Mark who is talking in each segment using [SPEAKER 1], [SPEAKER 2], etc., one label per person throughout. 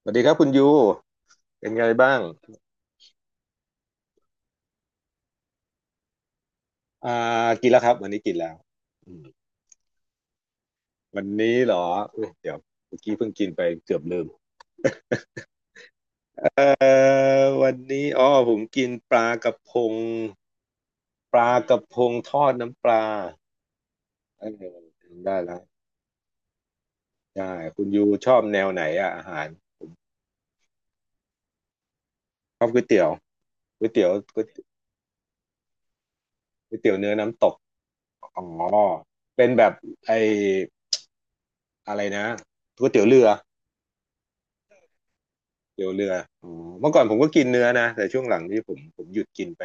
[SPEAKER 1] สวัสดีครับคุณยูเป็นไงบ้างอ่ากินแล้วครับวันนี้กินแล้วอืมวันนี้เหรออุ๊ยเดี๋ยวเมื่อกี้เพิ่งกินไปเกือบลืมเอ่วันนี้อ๋อผมกินปลากระพงปลากระพงทอดน้ำปลาเออได้แล้วได้คุณยูชอบแนวไหนอะอาหารชอบก๋วยเตี๋ยวก๋วยเตี๋ยวก๋วยก๋วยเตี๋ยวเนื้อน้ำตกอ๋อเป็นแบบไออะไรนะก๋วยเตี๋ยวเรือ เตี่ยวเรืออ๋อเมื่อก่อนผมก็กินเนื้อนะแต่ช่วงหลังนี่ผมหยุดกินไป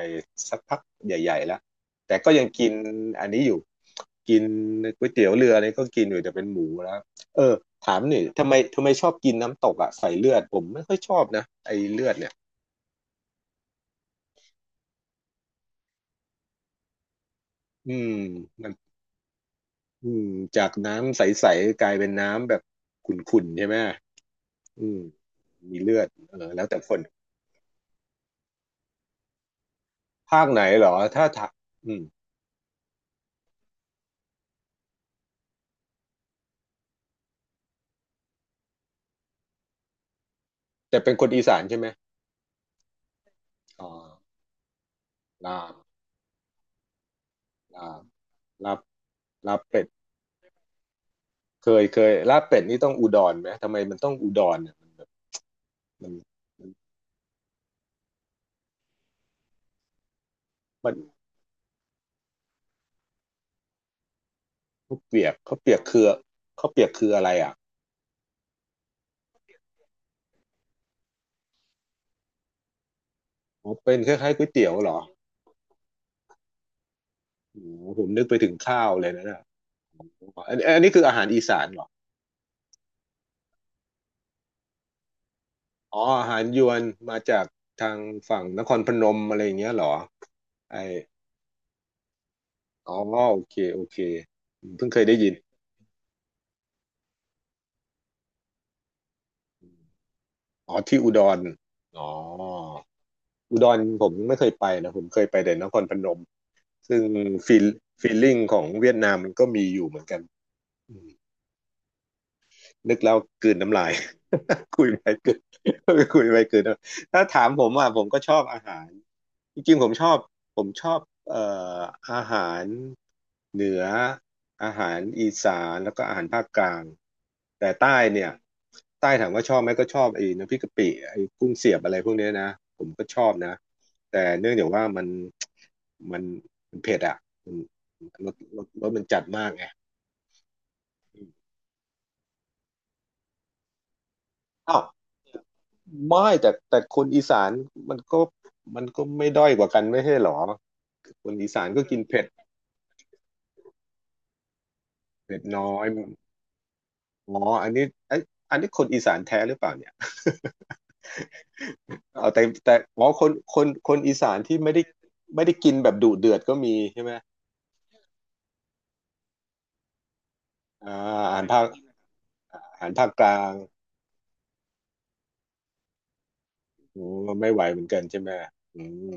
[SPEAKER 1] สักพักใหญ่ๆแล้วแต่ก็ยังกินอันนี้อยู่กินก๋วยเตี๋ยวเรือนี่ก็กินอยู่แต่เป็นหมูแล้วเออถามหน่อยทำไมชอบกินน้ำตกอ่ะใส่เลือดผมไม่ค่อยชอบนะไอ้เลือดเนี่ยอืมมันอืมจากน้ำใสๆกลายเป็นน้ำแบบขุ่นๆใช่ไหมอืมมีเลือดเออแล้วแต่คนภาคไหนเหรอถ้าถามอืมแต่เป็นคนอีสานใช่ไหมอ๋อลาบลาบ ลาบลาบเป็ดเคยลาบเป็ดนี่ต้องอุดรไหมทำไมมันต้องอุดรเนี่ยมันแบบมันมันมันข้าวเปียกข้าวเปียกคือข้าวเปียกคืออะไรอ่ะอ๋อเป็นคล้ายๆก๋วยเตี๋ยวเหรออ๋อผมนึกไปถึงข้าวเลยนะเนี่ยอันนี้คืออาหารอีสานเหรออ๋ออาหารยวนมาจากทางฝั่งนครพนมอะไรอย่างเงี้ยเหรอไออ๋อโอเคอืมเพิ่งเคยได้ยินอ๋อที่อุดรอ๋ออุดรผมไม่เคยไปนะผมเคยไปแต่นครพนม ซึ่งฟีลลลิ่งของเวียดนามมันก็มีอยู่เหมือนกันอืม นึกแล้วกลืนน้ำลาย คุยไปกลืน คุยไปกลืนน้ำถ้าถามผมอ่ะผมก็ชอบอาหารจริงๆผมชอบเอ่ออาหารเหนืออาหารอีสานแล้วก็อาหารภาคกลางแต่ใต้เนี่ยใต้ถามว่าชอบไหมก็ชอบไอ้น้ำพริกกะปิไอ้กุ้งเสียบอะไรพวกเนี้ยนะผมก็ชอบนะแต่เนื่องจากว่ามันมันมันเผ็ดอ่ะมันรสมันจัดมากไง อ้าวไม่แต่คนอีสานมันก็ไม่ด้อยกว่ากันไม่ใช่เหรอคนอีสานก็กินเผ็ดเผ็ดน้อยอ๋ออันนี้ไอยอันนี้คนอีสานแท้หรือเปล่าเนี่ย เอาแต่อ๋อคนอีสานที่ไม่ได้ไม่ได้กินแบบดุเดือดก็มีใช่ไหมอ่าอาหารภาคอาหารภาคกลางอืมไม่ไหวเหมือนกันใช่ไหมอืม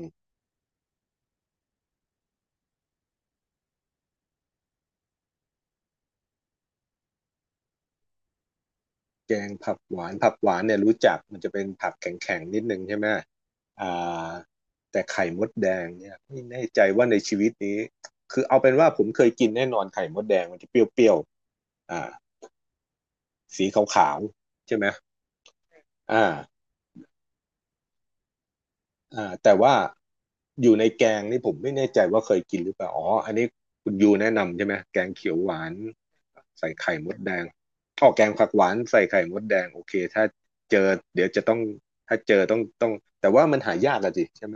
[SPEAKER 1] แกงผักหวานผักหวานเนี่ยรู้จักมันจะเป็นผักแข็งๆนิดนึงใช่ไหมอ่าแต่ไข่มดแดงเนี่ยไม่แน่ใจว่าในชีวิตนี้คือเอาเป็นว่าผมเคยกินแน่นอนไข่มดแดงมันจะเปรี้ยวๆอ่าสีขาวๆใช่ไหมอ่า อ่าแต่ว่าอยู่ในแกงนี่ผมไม่แน่ใจว่าเคยกินหรือเปล่าอ๋ออันนี้คุณยูแนะนำใช่ไหมแกงเขียวหวานใส่ไข่มดแดงอ๋อแกงผักหวานใส่ไข่มดแดงโอเคถ้าเจอเดี๋ยวจะต้องถ้าเจอต้องแต่ว่ามันหายากอะสิใช่ไหม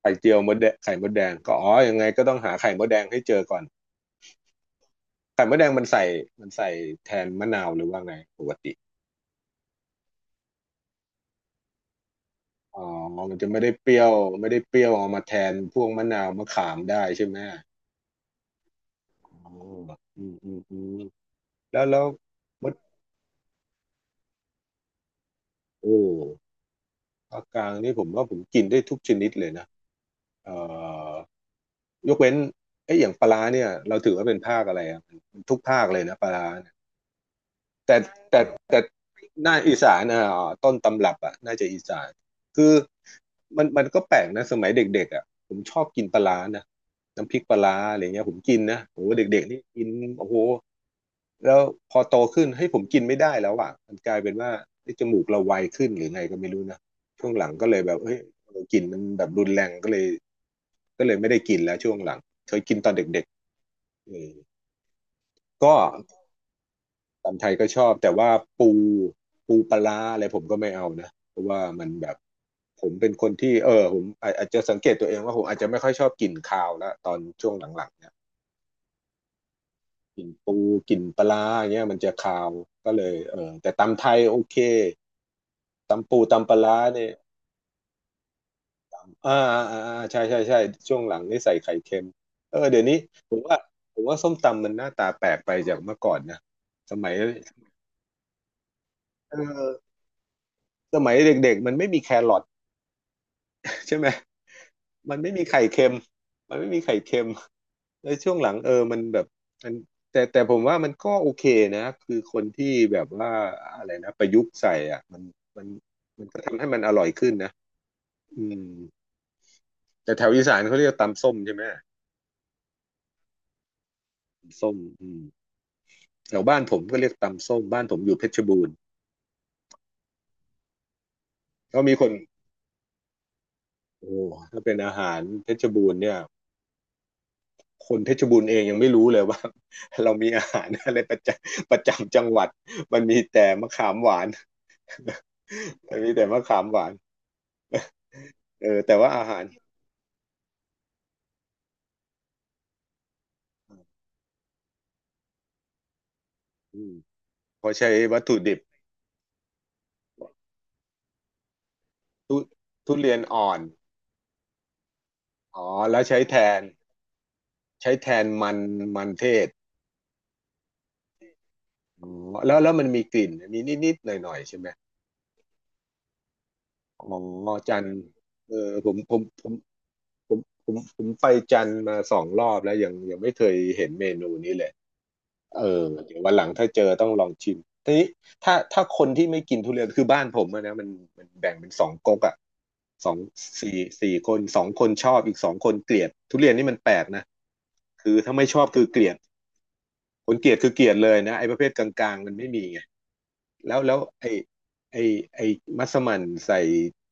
[SPEAKER 1] ไข่เจียวมดแดงไข่มดแดงก็อ๋อยังไงก็ต้องหาไข่มดแดงให้เจอก่อนไข่มดแดงมันใส่มันใส่แทนมะนาวหรือว่าไงปกติอ๋อมันจะไม่ได้เปรี้ยวไม่ได้เปรี้ยวเอามาแทนพวกมะนาวมะขามได้ใช่ไหม อ๋ออืมแล้วมดโอ้ภาคกลางนี่ผมว่าผมกินได้ทุกชนิดเลยนะเอ่อยกเว้นไอ้ยอย่างปลาร้าเนี่ยเราถือว่าเป็นภาคอะไรอ่ะมันทุกภาคเลยนะปลาร้าเนี่ยแต่ น่าอีสานอ่ะต้นตำรับอ่ะน่าจะอีสานคือมันมันก็แปลกนะสมัยเด็กๆอ่ะผมชอบกินปลาร้านะน้ำพริกปลาร้าอะไรเงี้ยผมกินนะโอ้โหเด็กๆนี่กินโอ้โหแล้วพอโตขึ้นให้ยผมกินไม่ได้แล้วอ่ะมันกลายเป็นว่าไอ้ยจมูกเราไวขึ้นหรือไงก็ไม่รู้นะช่วงหลังก็เลยแบบเฮ้ยเรากินมันแบบรุนแรงก็เลยไม่ได้กินแล้วช่วงหลังเคยกินตอนเด็กๆเออก็ ตำไทยก็ชอบแต่ว่าปูปูปลาร้าอะไรผมก็ไม่เอานะเพราะว่ามันแบบผมเป็นคนที่ผมอาจจะสังเกตตัวเองว่าผมอาจจะไม่ค่อยชอบกลิ่นคาวแล้วตอนช่วงหลังๆเนี่ยกลิ่นปูกลิ่นปลาร้าอย่างเงี้ยมันจะคาวก็เลยแต่ตำไทยโอเคตำปูตำปลาร้าเนี่ยใช่ใช่ใช่ช่วงหลังนี่ใส่ไข่เค็มเดี๋ยวนี้ผมว่าผมว่าส้มตำมันหน้าตาแปลกไปจากเมื่อก่อนนะสมัยเออสมัยเด็กๆมันไม่มีแครอท ใช่ไหม มันไม่มีไข่เค็มมันไม่มีไข่เค็มแล้วช่วงหลังมันแบบมันแต่ผมว่ามันก็โอเคนะ คือคนที่แบบว่าอะไรนะประยุกต์ใส่อ่ะมันมันก็ทำให้มันอร่อยขึ้นนะอืมแต่แถวอีสานเขาเรียกตำส้มใช่ไหมตำส้มอืมแถวบ้านผมก็เรียกตำส้ม บ้านผมอยู่เพชรบูรณ์ก็มีคนโอ้ถ้าเป็นอาหารเพชรบูรณ์เนี่ย คนเพชรบูรณ์เองยังไม่รู้เลยว่า เรามีอาหารอะไรประจำ ประจำจังหวัดมันมีแต่มะขามหวาน มันมีแต่มะขามหวานแต่ว่าอาหารอืมเขาใช้วัตถุดิบทุทุเรียนอ่อนอ๋อแล้วนใช้แทนมันมันเทศอ๋อแล้วมันมีกลิ่นมีนิดนิดหน่อยหน่อยๆใช่ไหมอ๋อจันทร์เออผมผมผมผมผมไปจันทร์มา2 รอบแล้วยังไม่เคยเห็นเมนูนี้เลย เออเดี๋ยววันหลังถ้าเจอต้องลองชิมทีนี้ถ้าคนที่ไม่กินทุเรียนคือบ้านผมอะนะมันมันแบ่งเป็น2 ก๊กอะสองสี่4 คน 2 คนชอบอีก 2 คนเกลียดทุเรียนนี่มันแปลกนะคือถ้าไม่ชอบคือเกลียดคนเกลียดคือเกลียดเลยนะไอ้ประเภทกลางๆมันไม่มีไงแล้วไอ้ไอ้มัสมั่น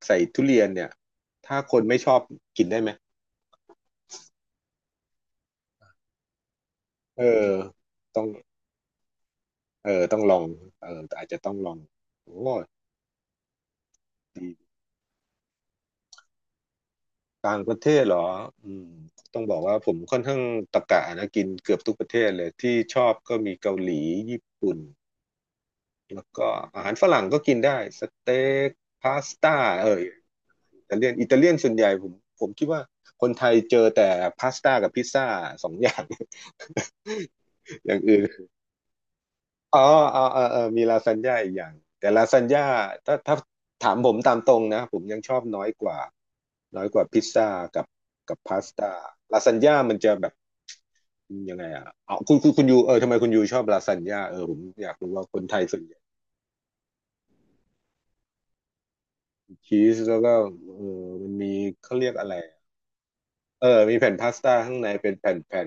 [SPEAKER 1] ใส่ทุเรียนเนี่ยถ้าคนไม่ชอบกินได้ไหมเออต้องต้องลองเอออาจจะต้องลองโอ้ ต่างประเทศเหรออืมต้องบอกว่าผมค่อนข้างตะกะนะกินเกือบทุกประเทศเลยที่ชอบก็มีเกาหลีญี่ปุ่นแล้วก็อาหารฝรั่งก็กินได้สเต็กพาสต้าเอยอิตาเลียนส่วนใหญ่ผมคิดว่าคนไทยเจอแต่พาสต้ากับพิซซ่า2 อย่าง อย่างอื่น อ๋ออ๋อเออมีลาซานญ่าอีกอย่าง แต่ลาซานญ่าถ้าถามผมตามตรงนะผมยังชอบน้อยกว่า น้อยกว่าพิซซ่ากับพาสต้าลาซานญ่ามันจะแบบยังไงอ่ะอ๋อคุณยูทำไมคุณยูชอบลาซานญ่าผมอยากรู้ว่าคนไทยส่วนใหญ่ชีสแล้วก็เออมันมีเขาเรียกอะไรมีแผ่นพาสต้าข้างในเป็นแผ่นแผ่น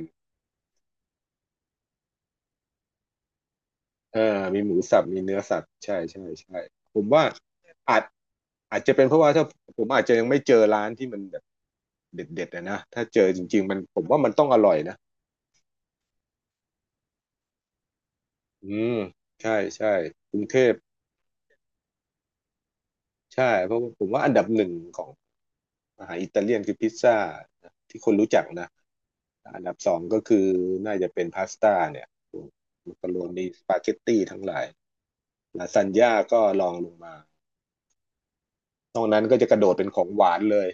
[SPEAKER 1] เออมีหมูสับมีเนื้อสัตว์ ใช่ใช่ใช่ผมว่าอาจอาจจะเป็นเพราะว่าถ้าผมอาจจะยังไม่เจอร้านที่มันแบบ เด็ดๆอะนะถ้าเจอจริงๆมันผมว่ามันต้องอร่อยนะอืมใช่ใช่กรุงเทพใช่เพราะว่าผมว่าอันดับ 1ของอาหารอิตาเลียนคือพิซซ่านะที่คนรู้จักนะ อันดับ 2ก็คือน่าจะเป็นพาสต้าเนี่ยมักกะโรนีสปาเกตตีทั้งหลายลาซานญ่าก็รองลงมานอกนั้นก็จะกระโดดเป็นของหวานเลย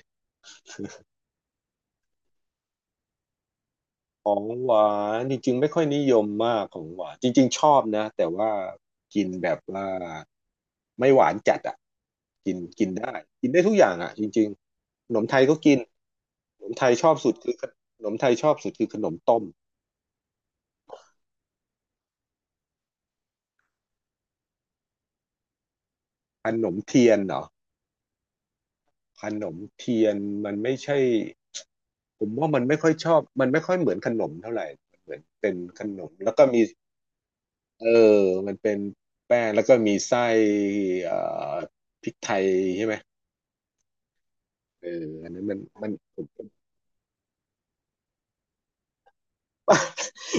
[SPEAKER 1] ของหวานจริงๆไม่ค่อยนิยมมากของหวานจริงๆชอบนะแต่ว่ากินแบบว่าไม่หวานจัดอ่ะกินกินได้ทุกอย่างอ่ะจริงๆขนมไทยก็กินขนมไทยชอบสุดคือขนมต้มขนมเทียนเหรอขนมเทียนมันไม่ใช่ผมว่ามันไม่ค่อยชอบมันไม่ค่อยเหมือนขนมเท่าไหร่มันเหมือนเป็นขนมแล้วก็มีเออมันเป็นแป้งแล้วก็มีไส้เอ่อพริกไทยใช่ไหม อันนั้นมันผม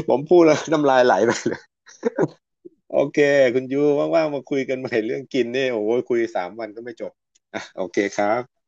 [SPEAKER 1] ผมพูดแล้วน้ำลายไหลไปเลยโอเคคุณยูว่างๆมาคุยกันใหม่เรื่องกินนี่โอ้โหคุย3 วันก็ไม่จบอ่ะโอเคครับ